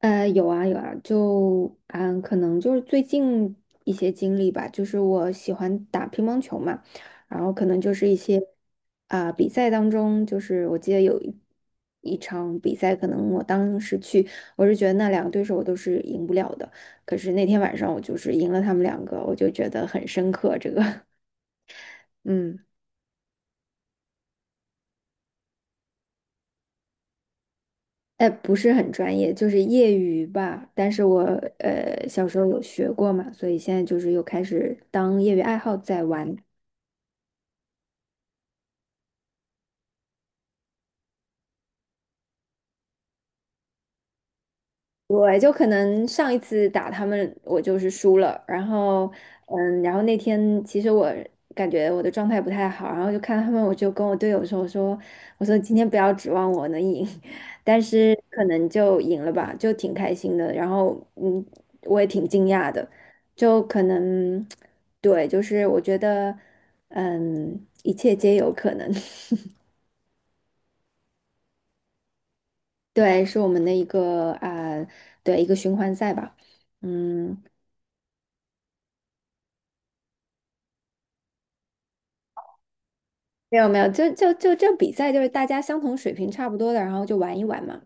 有啊有啊，可能就是最近一些经历吧，就是我喜欢打乒乓球嘛，然后可能就是一些比赛当中，就是我记得有一场比赛，可能我当时去，我是觉得那两个对手我都是赢不了的，可是那天晚上我就是赢了他们两个，我就觉得很深刻这个，嗯。哎，不是很专业，就是业余吧。但是我小时候有学过嘛，所以现在就是又开始当业余爱好在玩。对，就可能上一次打他们，我就是输了。然后那天其实我感觉我的状态不太好，然后就看他们，我就跟我队友说，我说今天不要指望我能赢，但是可能就赢了吧，就挺开心的。我也挺惊讶的，就可能，对，就是我觉得,一切皆有可能。对，是我们的一个对，一个循环赛吧。嗯，没有没有，就这比赛就是大家相同水平差不多的，然后就玩一玩嘛，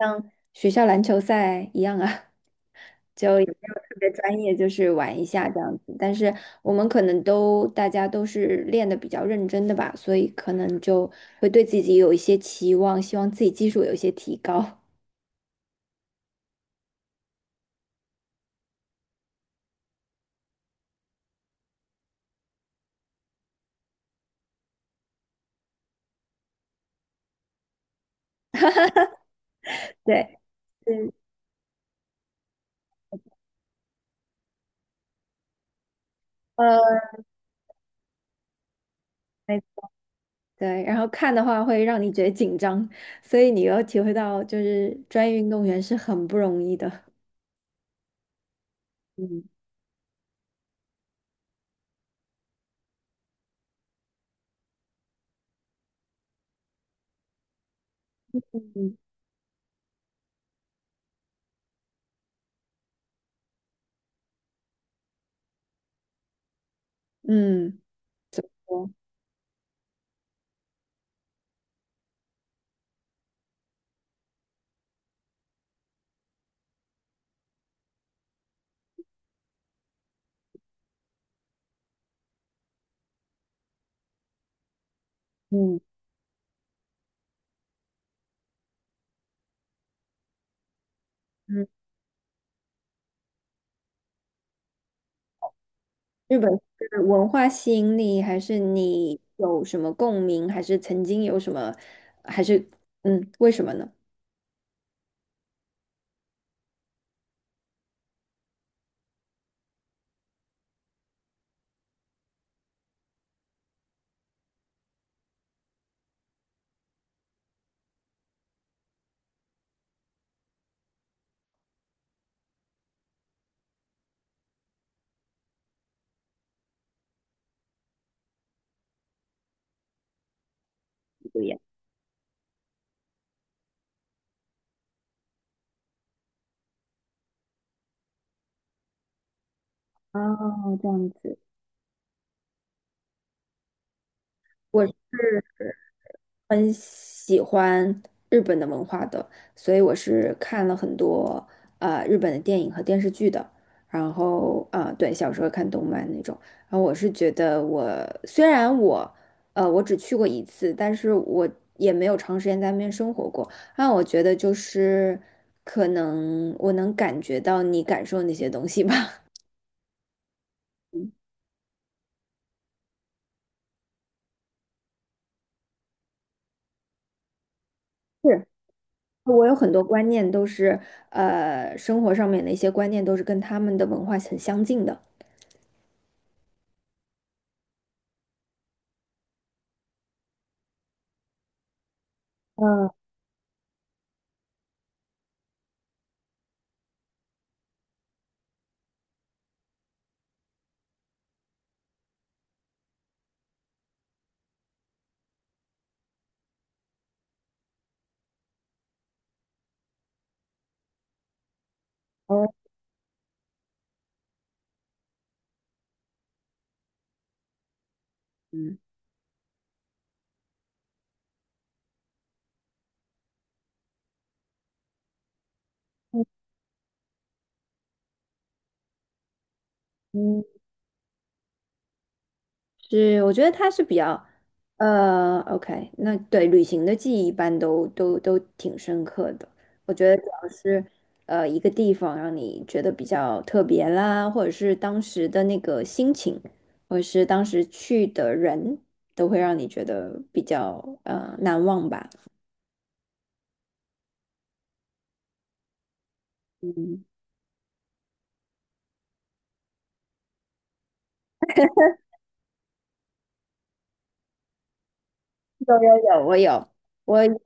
像学校篮球赛一样啊，特别专业就是玩一下这样子。但是我们可能都大家都是练的比较认真的吧，所以可能就会对自己有一些期望，希望自己技术有一些提高。对，嗯，呃，没对，然后看的话会让你觉得紧张，所以你要体会到就是专业运动员是很不容易的。嗯嗯嗯我嗯。嗯，日本是文化吸引力，还是你有什么共鸣，还是曾经有什么，还是嗯，为什么呢？不一样。哦，这样子，我是很喜欢日本的文化的，所以我是看了很多日本的电影和电视剧的。然后对，小时候看动漫那种。然后我是觉得虽然我只去过一次，但是我也没有长时间在那边生活过。那我觉得就是可能我能感觉到你感受那些东西吧。嗯，是，我有很多观念都是，生活上面的一些观念都是跟他们的文化很相近的。嗯，哦，嗯，嗯，是，我觉得它是比较，OK,那对旅行的记忆一般都挺深刻的。我觉得主要是，一个地方让你觉得比较特别啦，或者是当时的那个心情，或者是当时去的人，都会让你觉得比较难忘吧。嗯，有有有，我有，我。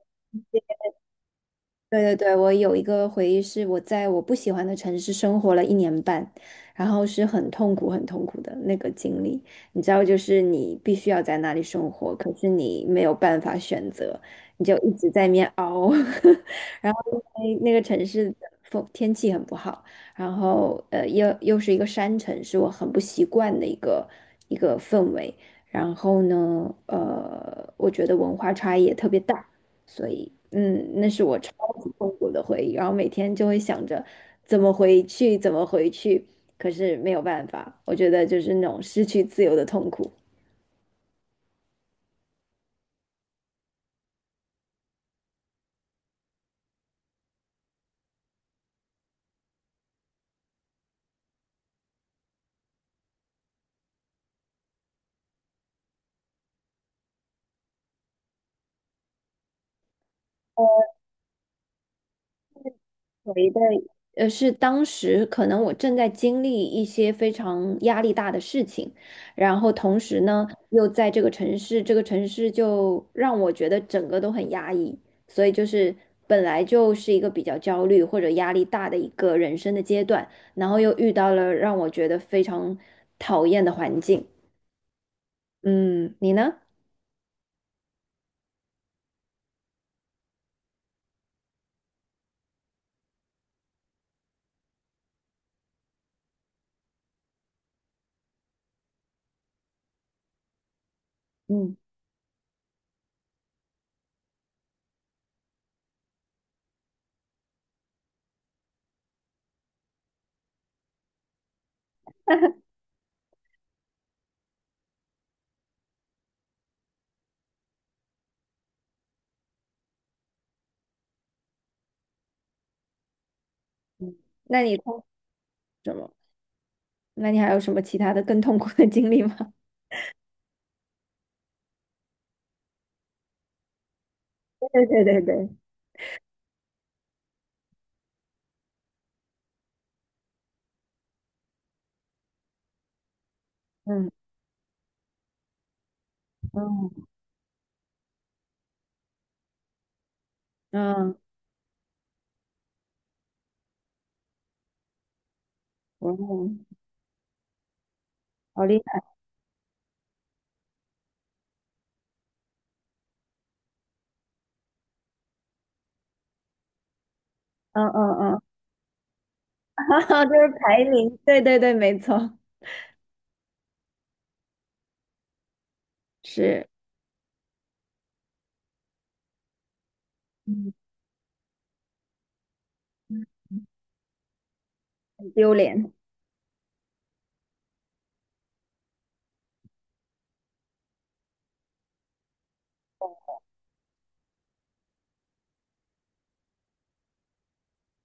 对，我有一个回忆是我在我不喜欢的城市生活了一年半，然后是很痛苦、很痛苦的那个经历。你知道，就是你必须要在那里生活，可是你没有办法选择，你就一直在那边熬。然后因为那个城市的风天气很不好，然后又是一个山城，是我很不习惯的一个氛围。然后呢,我觉得文化差异也特别大。所以，嗯，那是我超级痛苦的回忆，然后每天就会想着怎么回去，可是没有办法，我觉得就是那种失去自由的痛苦。回的，是当时可能我正在经历一些非常压力大的事情，然后同时呢，又在这个城市，这个城市就让我觉得整个都很压抑，所以就是本来就是一个比较焦虑或者压力大的一个人生的阶段，然后又遇到了让我觉得非常讨厌的环境。嗯，你呢？嗯，那你痛苦什么？那你还有什么其他的更痛苦的经历吗？对对对对，嗯嗯嗯。嗯，好厉害，嗯嗯嗯，哈哈，就是排名，对对对，没错，是，嗯，很丢脸，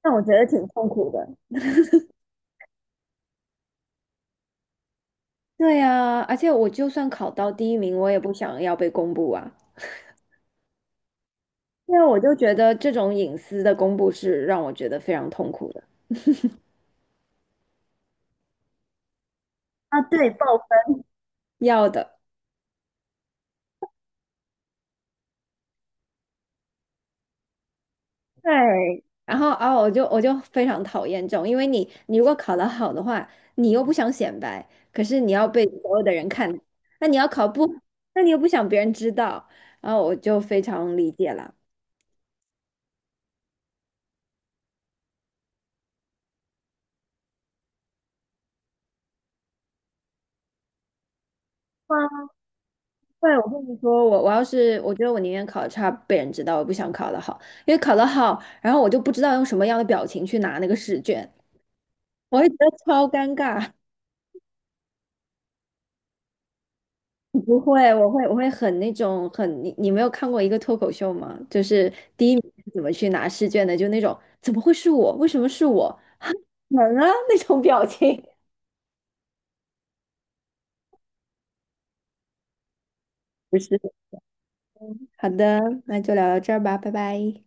但我觉得挺痛苦的。对呀，而且我就算考到第一名，我也不想要被公布啊，因为我就觉得这种隐私的公布是让我觉得非常痛苦的。啊，对，报要的。对，然后啊，我就非常讨厌这种，因为你你如果考得好的话，你又不想显摆，可是你要被所有的人看，那你要考不好那你又不想别人知道，然后我就非常理解啦。啊，对，我跟你说，我我要是我觉得我宁愿考得差被人知道，我不想考得好，因为考得好，然后我就不知道用什么样的表情去拿那个试卷，我会觉得超尴尬。不会，我会很那种很你你没有看过一个脱口秀吗？就是第一名是怎么去拿试卷的，就那种怎么会是我？为什么是我？门啊 那种表情。不是，好的，那就聊到这儿吧，拜拜。